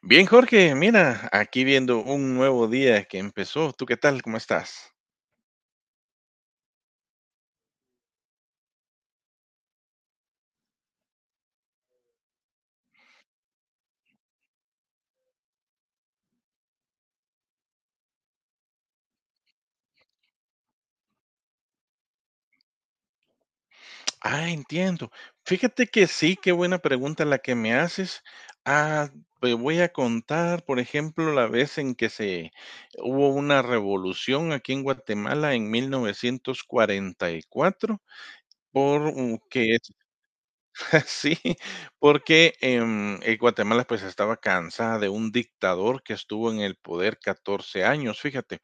Bien, Jorge, mira, aquí viendo un nuevo día que empezó. ¿Tú qué tal? ¿Cómo estás? Ah, entiendo. Fíjate que sí, qué buena pregunta la que me haces. Ah, te voy a contar, por ejemplo, la vez en que se hubo una revolución aquí en Guatemala en 1944, que es así. Porque Guatemala pues estaba cansada de un dictador que estuvo en el poder 14 años, fíjate.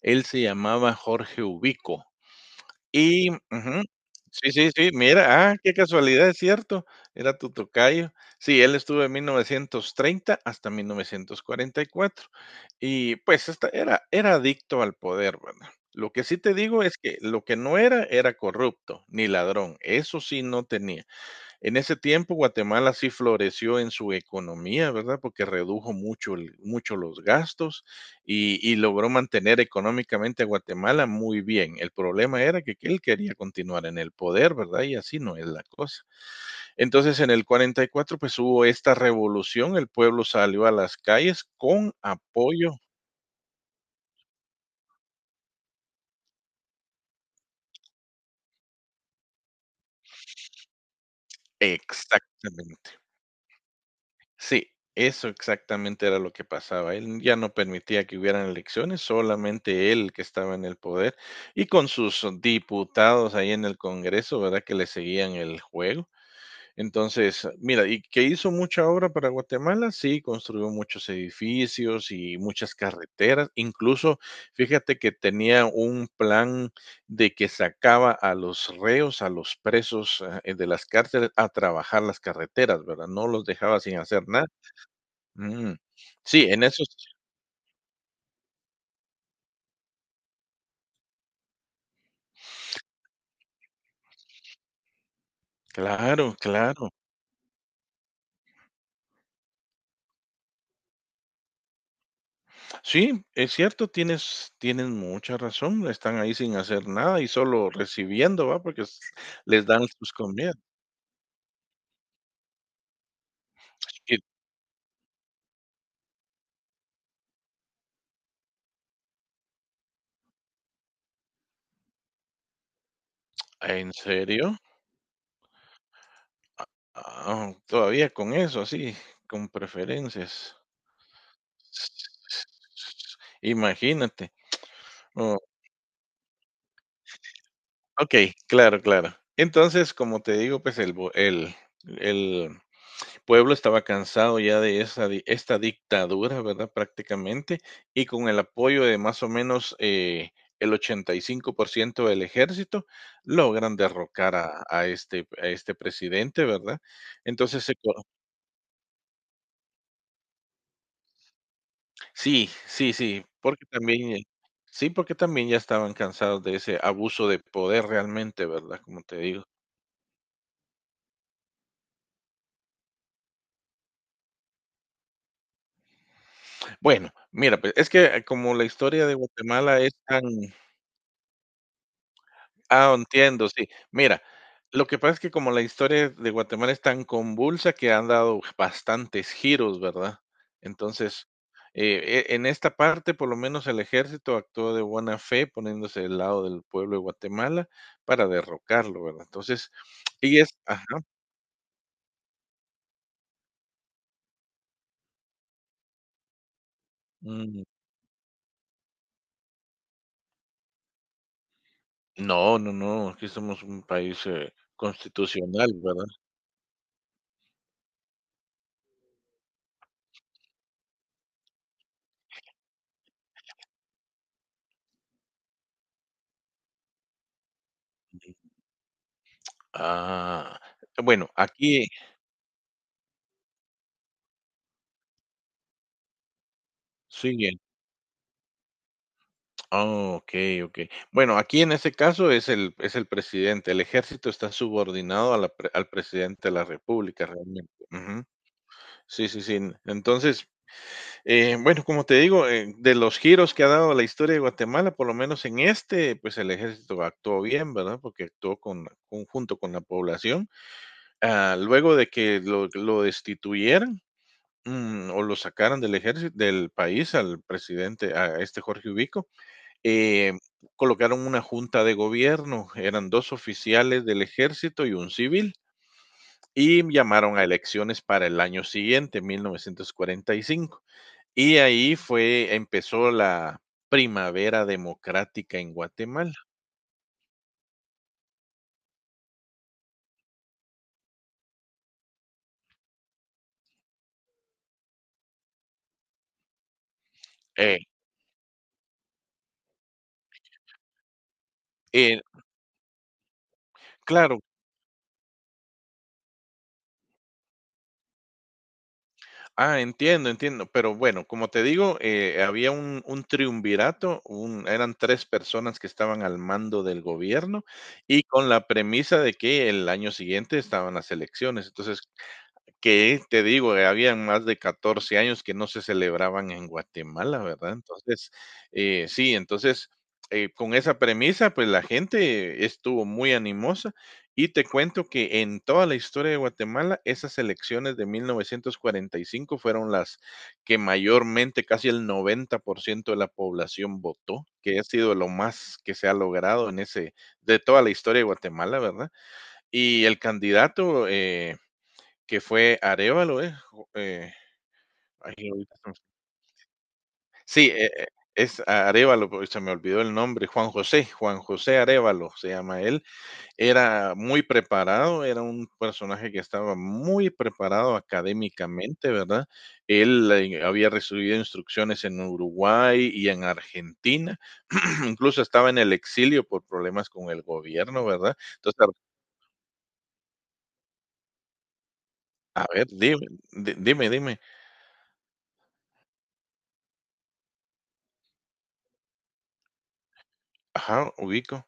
Él se llamaba Jorge Ubico y ujú. Sí, sí, sí, mira, ah, qué casualidad, es cierto, era tu tocayo. Sí, él estuvo de 1930 hasta 1944 y, cuatro. Y pues, esta era adicto al poder, ¿verdad? Lo que sí te digo es que lo que no era, era corrupto, ni ladrón, eso sí no tenía. En ese tiempo Guatemala sí floreció en su economía, ¿verdad? Porque redujo mucho, mucho los gastos y logró mantener económicamente a Guatemala muy bien. El problema era que él quería continuar en el poder, ¿verdad? Y así no es la cosa. Entonces en el 44 pues hubo esta revolución, el pueblo salió a las calles con apoyo. Exactamente. Sí, eso exactamente era lo que pasaba. Él ya no permitía que hubieran elecciones, solamente él que estaba en el poder y con sus diputados ahí en el Congreso, ¿verdad? Que le seguían el juego. Entonces, mira, y que hizo mucha obra para Guatemala, sí, construyó muchos edificios y muchas carreteras. Incluso, fíjate que tenía un plan de que sacaba a los reos, a los presos de las cárceles a trabajar las carreteras, ¿verdad? No los dejaba sin hacer nada. Mm, sí, en eso sí, claro, claro. Sí, es cierto, tienes mucha razón, están ahí sin hacer nada y solo recibiendo, ¿va? Porque s Les dan sus comidas. ¿Y en serio? Ah, todavía con eso, así, con preferencias. Imagínate. Oh, okey, claro, claro. Entonces, como te digo, pues, el bo el pueblo estaba cansado ya de esa, esta dictadura, ¿verdad? Prácticamente, y con el apoyo de más o menos el 85% del ejército, logran derrocar a este presidente, ¿verdad? Entonces, sí, sí, sí, porque también ya estaban cansados de ese abuso de poder realmente, ¿verdad? Como te digo. Bueno, mira, pues es que como la historia de Guatemala es tan, ah, entiendo, sí. Mira, lo que pasa es que como la historia de Guatemala es tan convulsa que han dado bastantes giros, ¿verdad? Entonces, en esta parte, por lo menos el ejército actuó de buena fe, poniéndose del lado del pueblo de Guatemala para derrocarlo, ¿verdad? Entonces, y es, ajá, mm, no, no, no, aquí somos un país constitucional, ¿verdad? Ah, bueno, aquí sí, ah, okey, okey. Bueno, aquí en ese caso es el presidente. El ejército está subordinado a la pre al presidente de la república realmente. Ujú. Sí, sí, sí. Entonces, bueno, como te digo, de los giros que ha dado la historia de Guatemala, por lo menos en este, pues, el ejército actuó bien, ¿verdad? Porque actuó con junto con la población. Ah, luego de que lo destituyeran, mm, o lo sacaran del ejército del país al presidente, a este Jorge Ubico, eh, colocaron una junta de gobierno, eran dos oficiales del ejército y un civil, y llamaron a elecciones para el año siguiente, 1945. Y cinco. Y ahí fue, empezó la primavera democrática en Guatemala. Eh, eh, claro, ah, entiendo, entiendo. Pero bueno, como te digo, había un triunvirato, eran tres personas que estaban al mando del gobierno y con la premisa de que el año siguiente estaban las elecciones. Entonces, que te digo, habían más de 14 años que no se celebraban en Guatemala, ¿verdad? Entonces, sí, entonces, con esa premisa, pues la gente estuvo muy animosa y te cuento que en toda la historia de Guatemala, esas elecciones de 1945 fueron las que mayormente, casi el 90% de la población votó, que ha sido lo más que se ha logrado en ese de toda la historia de Guatemala, ¿verdad? Y el candidato, que fue Arévalo, ¿es? Jo- ay, ahorita se me- sí, es Arévalo, pero se me olvidó el nombre, Juan José, Juan José Arévalo se llama él. Era muy preparado, era un personaje que estaba muy preparado académicamente, ¿verdad? Él había recibido instrucciones en Uruguay y en Argentina, incluso estaba en el exilio por problemas con el gobierno, ¿verdad? Entonces, a ver, dime, dime, dime. Ajá, ubico.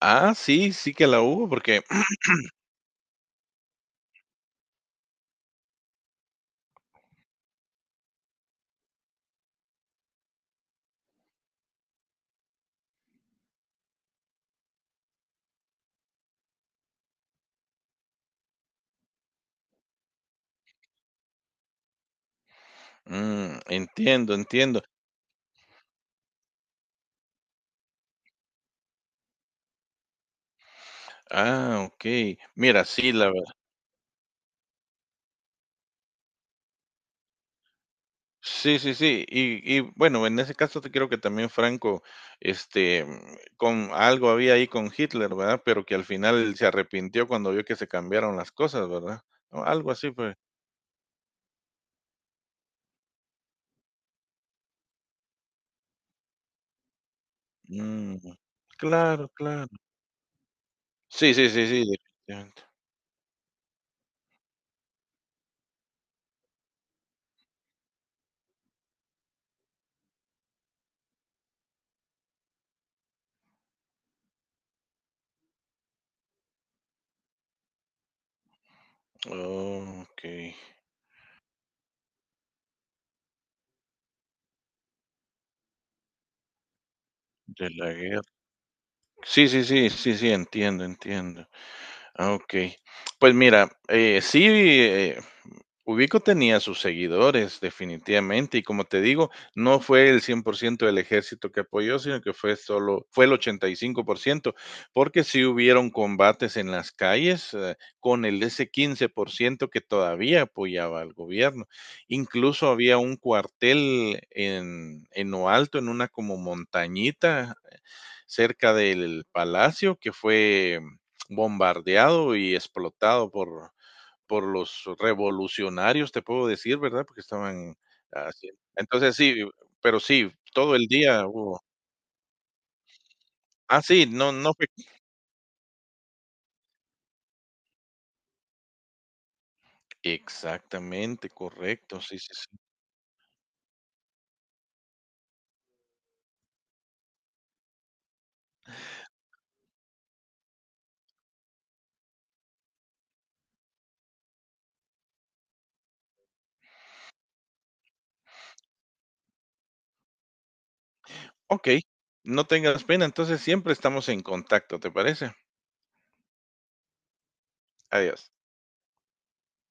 Ah, sí, sí que la hubo, porque mm, entiendo, entiendo. Ah, okey. Mira, sí, la verdad sí, sí, sí. Y bueno, en ese caso te creo que también Franco, este, mm, con algo había ahí con Hitler, ¿verdad? Pero que al final se arrepintió cuando vio que se cambiaron las cosas, ¿verdad? O algo así fue. Mm, claro, claro. Sí, sí, sí, sí, definitivamente. Oh, okey, de la guerra. Sí, sí, sí, sí, sí, entiendo, entiendo. Ah, okey. Pues mira, Ubico tenía sus seguidores, definitivamente, y como te digo, no fue el 100% del ejército que apoyó, sino que fue solo, fue el 85% porque sí hubieron combates en las calles con el ese 15% que todavía apoyaba al gobierno. Incluso había un cuartel en lo alto, en una como montañita cerca del palacio, que fue bombardeado y explotado por los revolucionarios, te puedo decir, ¿verdad? Porque estaban haciendo entonces sí, pero sí, todo el día hubo ah, sí, no fue exactamente, correcto, sí, sí, sí. Okey, no tengas pena, entonces siempre estamos en contacto, ¿te parece? Adiós.